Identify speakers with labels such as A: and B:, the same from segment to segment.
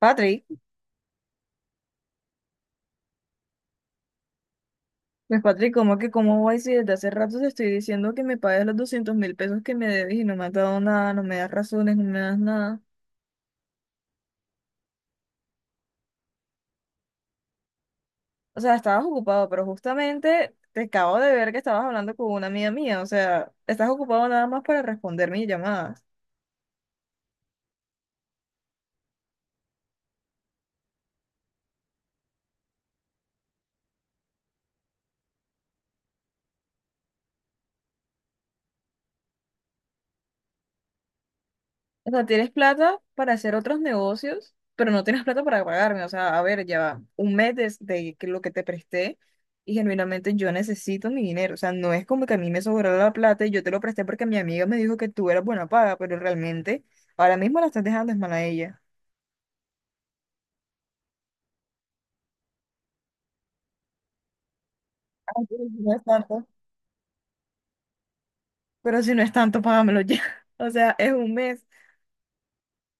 A: Patrick, pues Patrick, ¿cómo que cómo voy si desde hace rato te estoy diciendo que me pagues los 200.000 pesos que me debes y no me has dado nada, no me das razones, no me das nada? O sea, estabas ocupado, pero justamente te acabo de ver que estabas hablando con una amiga mía. O sea, estás ocupado nada más para responder mi llamada. O sea, tienes plata para hacer otros negocios, pero no tienes plata para pagarme. O sea, a ver, ya va un mes que lo que te presté y genuinamente yo necesito mi dinero. O sea, no es como que a mí me sobró la plata y yo te lo presté porque mi amiga me dijo que tú eras buena paga, pero realmente ahora mismo la estás dejando es mal a ella. Ah, pero si no es tanto. Pero si no es tanto, págamelo ya. O sea, es un mes.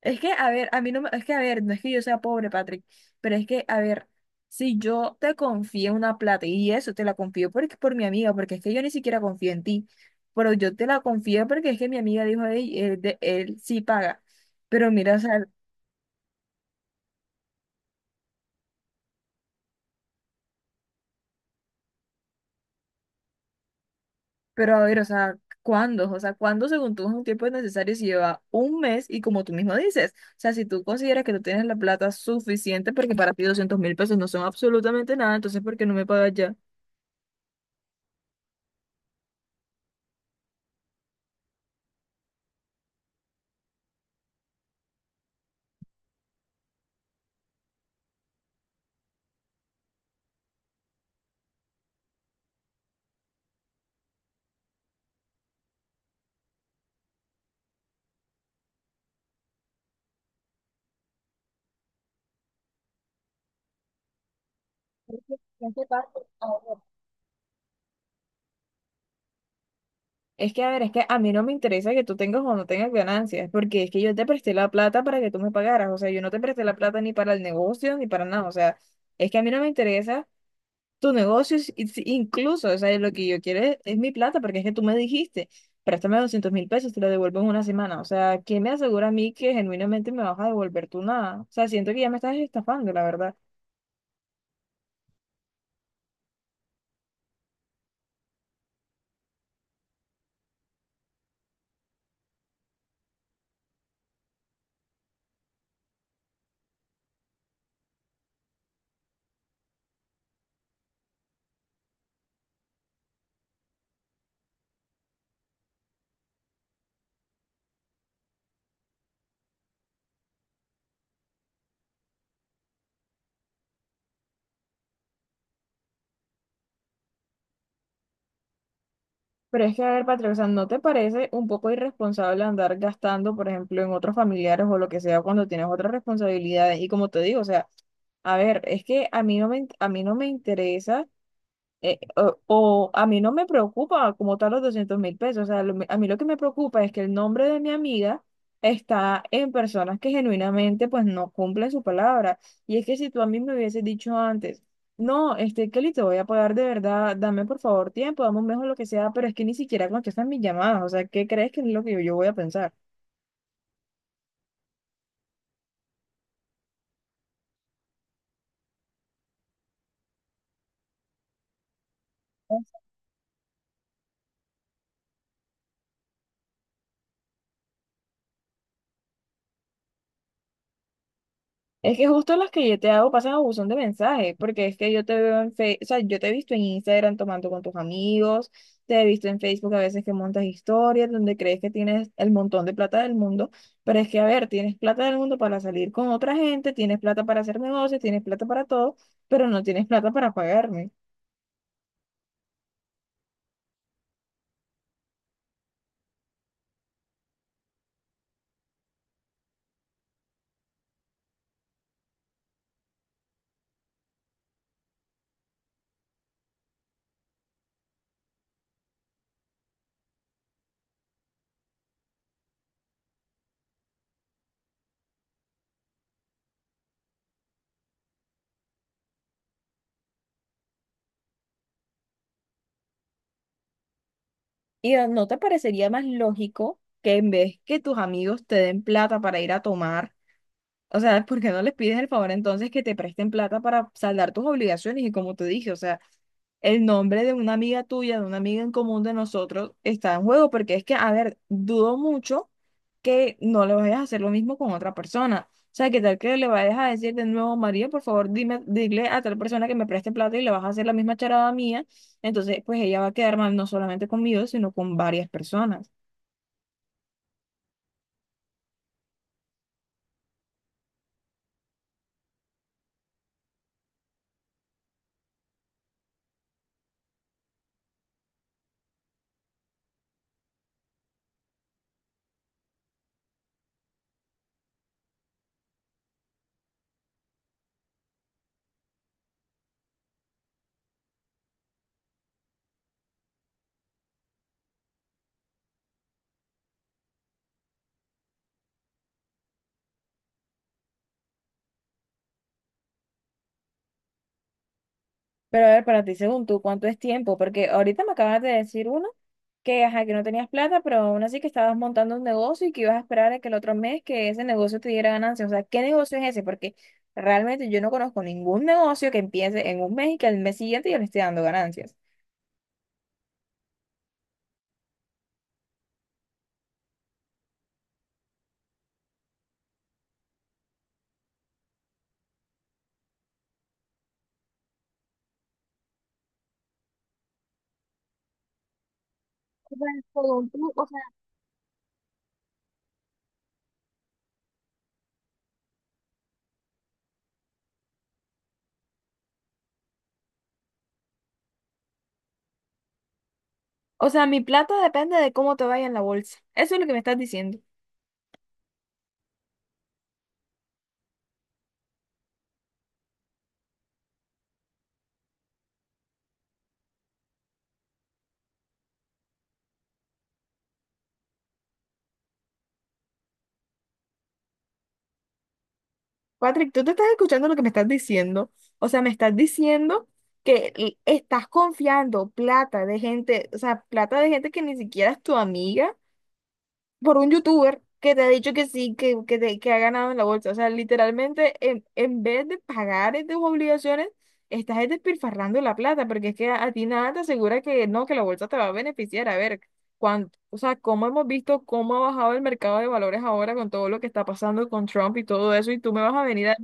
A: Es que, a ver, a mí no me, es que, a ver, no es que yo sea pobre, Patrick, pero es que, a ver, si yo te confío una plata y eso te la confío porque por mi amiga, porque es que yo ni siquiera confío en ti, pero yo te la confío porque es que mi amiga dijo, "Ey, él, de, él sí paga, pero mira, o sea, pero a ver, o sea, ¿cuándo? O sea, ¿cuándo según tú es un tiempo necesario si lleva un mes y como tú mismo dices, o sea, si tú consideras que tú tienes la plata suficiente porque para ti 200.000 pesos no son absolutamente nada, entonces ¿por qué no me pagas ya? Es que, Paco. Es que, a ver, es que a mí no me interesa que tú tengas o no tengas ganancias, porque es que yo te presté la plata para que tú me pagaras. O sea, yo no te presté la plata ni para el negocio ni para nada. O sea, es que a mí no me interesa tu negocio incluso. O sea, lo que yo quiero es mi plata, porque es que tú me dijiste, préstame 200.000 pesos, te lo devuelvo en una semana. O sea, ¿quién me asegura a mí que genuinamente me vas a devolver tú nada? O sea, siento que ya me estás estafando, la verdad. Pero es que, a ver, Patrick, o sea, ¿no te parece un poco irresponsable andar gastando, por ejemplo, en otros familiares o lo que sea cuando tienes otras responsabilidades? Y como te digo, o sea, a ver, es que a mí no me, a mí no me interesa o a mí no me preocupa como tal los 200.000 pesos. O sea, a mí lo que me preocupa es que el nombre de mi amiga está en personas que genuinamente pues no cumplen su palabra. Y es que si tú a mí me hubieses dicho antes, no, este Kelly, te voy a pagar de verdad, dame por favor tiempo, dame un mejor lo que sea, pero es que ni siquiera contestan mis llamadas. O sea, ¿qué crees que es lo que yo voy a pensar? Es que justo las que yo te hago pasan a buzón de mensajes, porque es que yo te veo en Facebook, o sea, yo te he visto en Instagram tomando con tus amigos, te he visto en Facebook a veces que montas historias donde crees que tienes el montón de plata del mundo, pero es que, a ver, tienes plata del mundo para salir con otra gente, tienes plata para hacer negocios, tienes plata para todo, pero no tienes plata para pagarme. ¿Y no te parecería más lógico que en vez que tus amigos te den plata para ir a tomar? O sea, ¿por qué no les pides el favor entonces que te presten plata para saldar tus obligaciones? Y como te dije, o sea, el nombre de una amiga tuya, de una amiga en común de nosotros, está en juego, porque es que, a ver, dudo mucho que no le vayas a hacer lo mismo con otra persona. O sea, ¿qué tal que le vayas a decir de nuevo, María, por favor, dime, dile a tal persona que me preste plata y le vas a hacer la misma charada mía? Entonces, pues ella va a quedar mal no solamente conmigo, sino con varias personas. Pero a ver, para ti, según tú, ¿cuánto es tiempo? Porque ahorita me acabas de decir uno que, ajá, que no tenías plata, pero aún así que estabas montando un negocio y que ibas a esperar a que el otro mes que ese negocio te diera ganancias. O sea, ¿qué negocio es ese? Porque realmente yo no conozco ningún negocio que empiece en un mes y que al mes siguiente ya le esté dando ganancias. O sea, según tú, o sea, o sea, mi plata depende de cómo te vaya en la bolsa. Eso es lo que me estás diciendo. Patrick, tú te estás escuchando lo que me estás diciendo. O sea, me estás diciendo que estás confiando plata de gente, o sea, plata de gente que ni siquiera es tu amiga, por un youtuber que te ha dicho que sí, que ha ganado en la bolsa. O sea, literalmente, en vez de pagar tus obligaciones, estás es despilfarrando la plata, porque es que a ti nada te asegura que no, que la bolsa te va a beneficiar. A ver, cuánto, o sea, cómo hemos visto cómo ha bajado el mercado de valores ahora con todo lo que está pasando con Trump y todo eso, y tú me vas a venir a...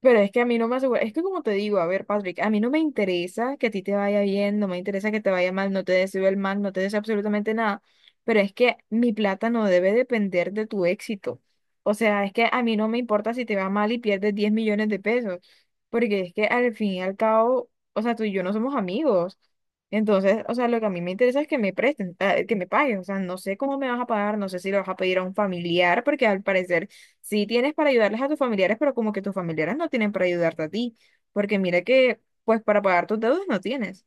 A: Pero es que a mí no me asegura, es que como te digo, a ver, Patrick, a mí no me interesa que a ti te vaya bien, no me interesa que te vaya mal, no te deseo el mal, no te deseo absolutamente nada, pero es que mi plata no debe depender de tu éxito. O sea, es que a mí no me importa si te va mal y pierdes 10 millones de pesos, porque es que al fin y al cabo, o sea, tú y yo no somos amigos. Entonces, o sea, lo que a mí me interesa es que me presten, que me paguen. O sea, no sé cómo me vas a pagar, no sé si lo vas a pedir a un familiar, porque al parecer sí tienes para ayudarles a tus familiares, pero como que tus familiares no tienen para ayudarte a ti, porque mira que, pues para pagar tus deudas no tienes.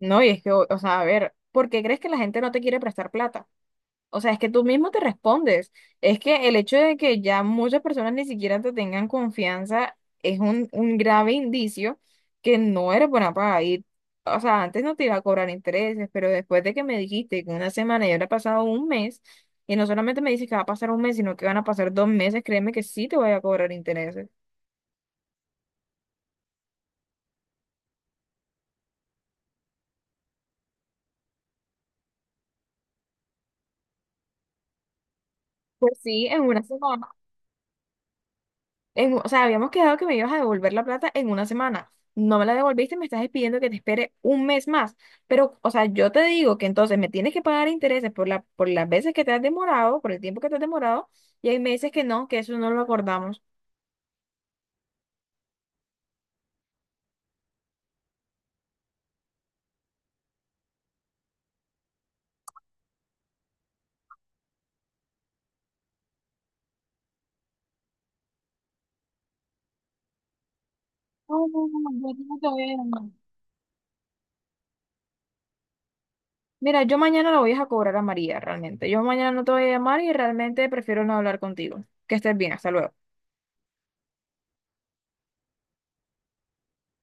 A: No, y es que, o sea, a ver, ¿por qué crees que la gente no te quiere prestar plata? O sea, es que tú mismo te respondes. Es que el hecho de que ya muchas personas ni siquiera te tengan confianza es un grave indicio que no eres buena para ir. O sea, antes no te iba a cobrar intereses, pero después de que me dijiste que una semana y ahora ha pasado un mes, y no solamente me dices que va a pasar un mes, sino que van a pasar 2 meses, créeme que sí te voy a cobrar intereses. Pues sí, en una semana. O sea, habíamos quedado que me ibas a devolver la plata en una semana. No me la devolviste, me estás pidiendo que te espere un mes más. Pero, o sea, yo te digo que entonces me tienes que pagar intereses por por las veces que te has demorado, por el tiempo que te has demorado, y ahí me dices que no, que eso no lo acordamos. No, no, no, yo no te voy a llamar. Mira, yo mañana la voy a cobrar a María, realmente. Yo mañana no te voy a llamar y realmente prefiero no hablar contigo. Que estés bien, hasta luego.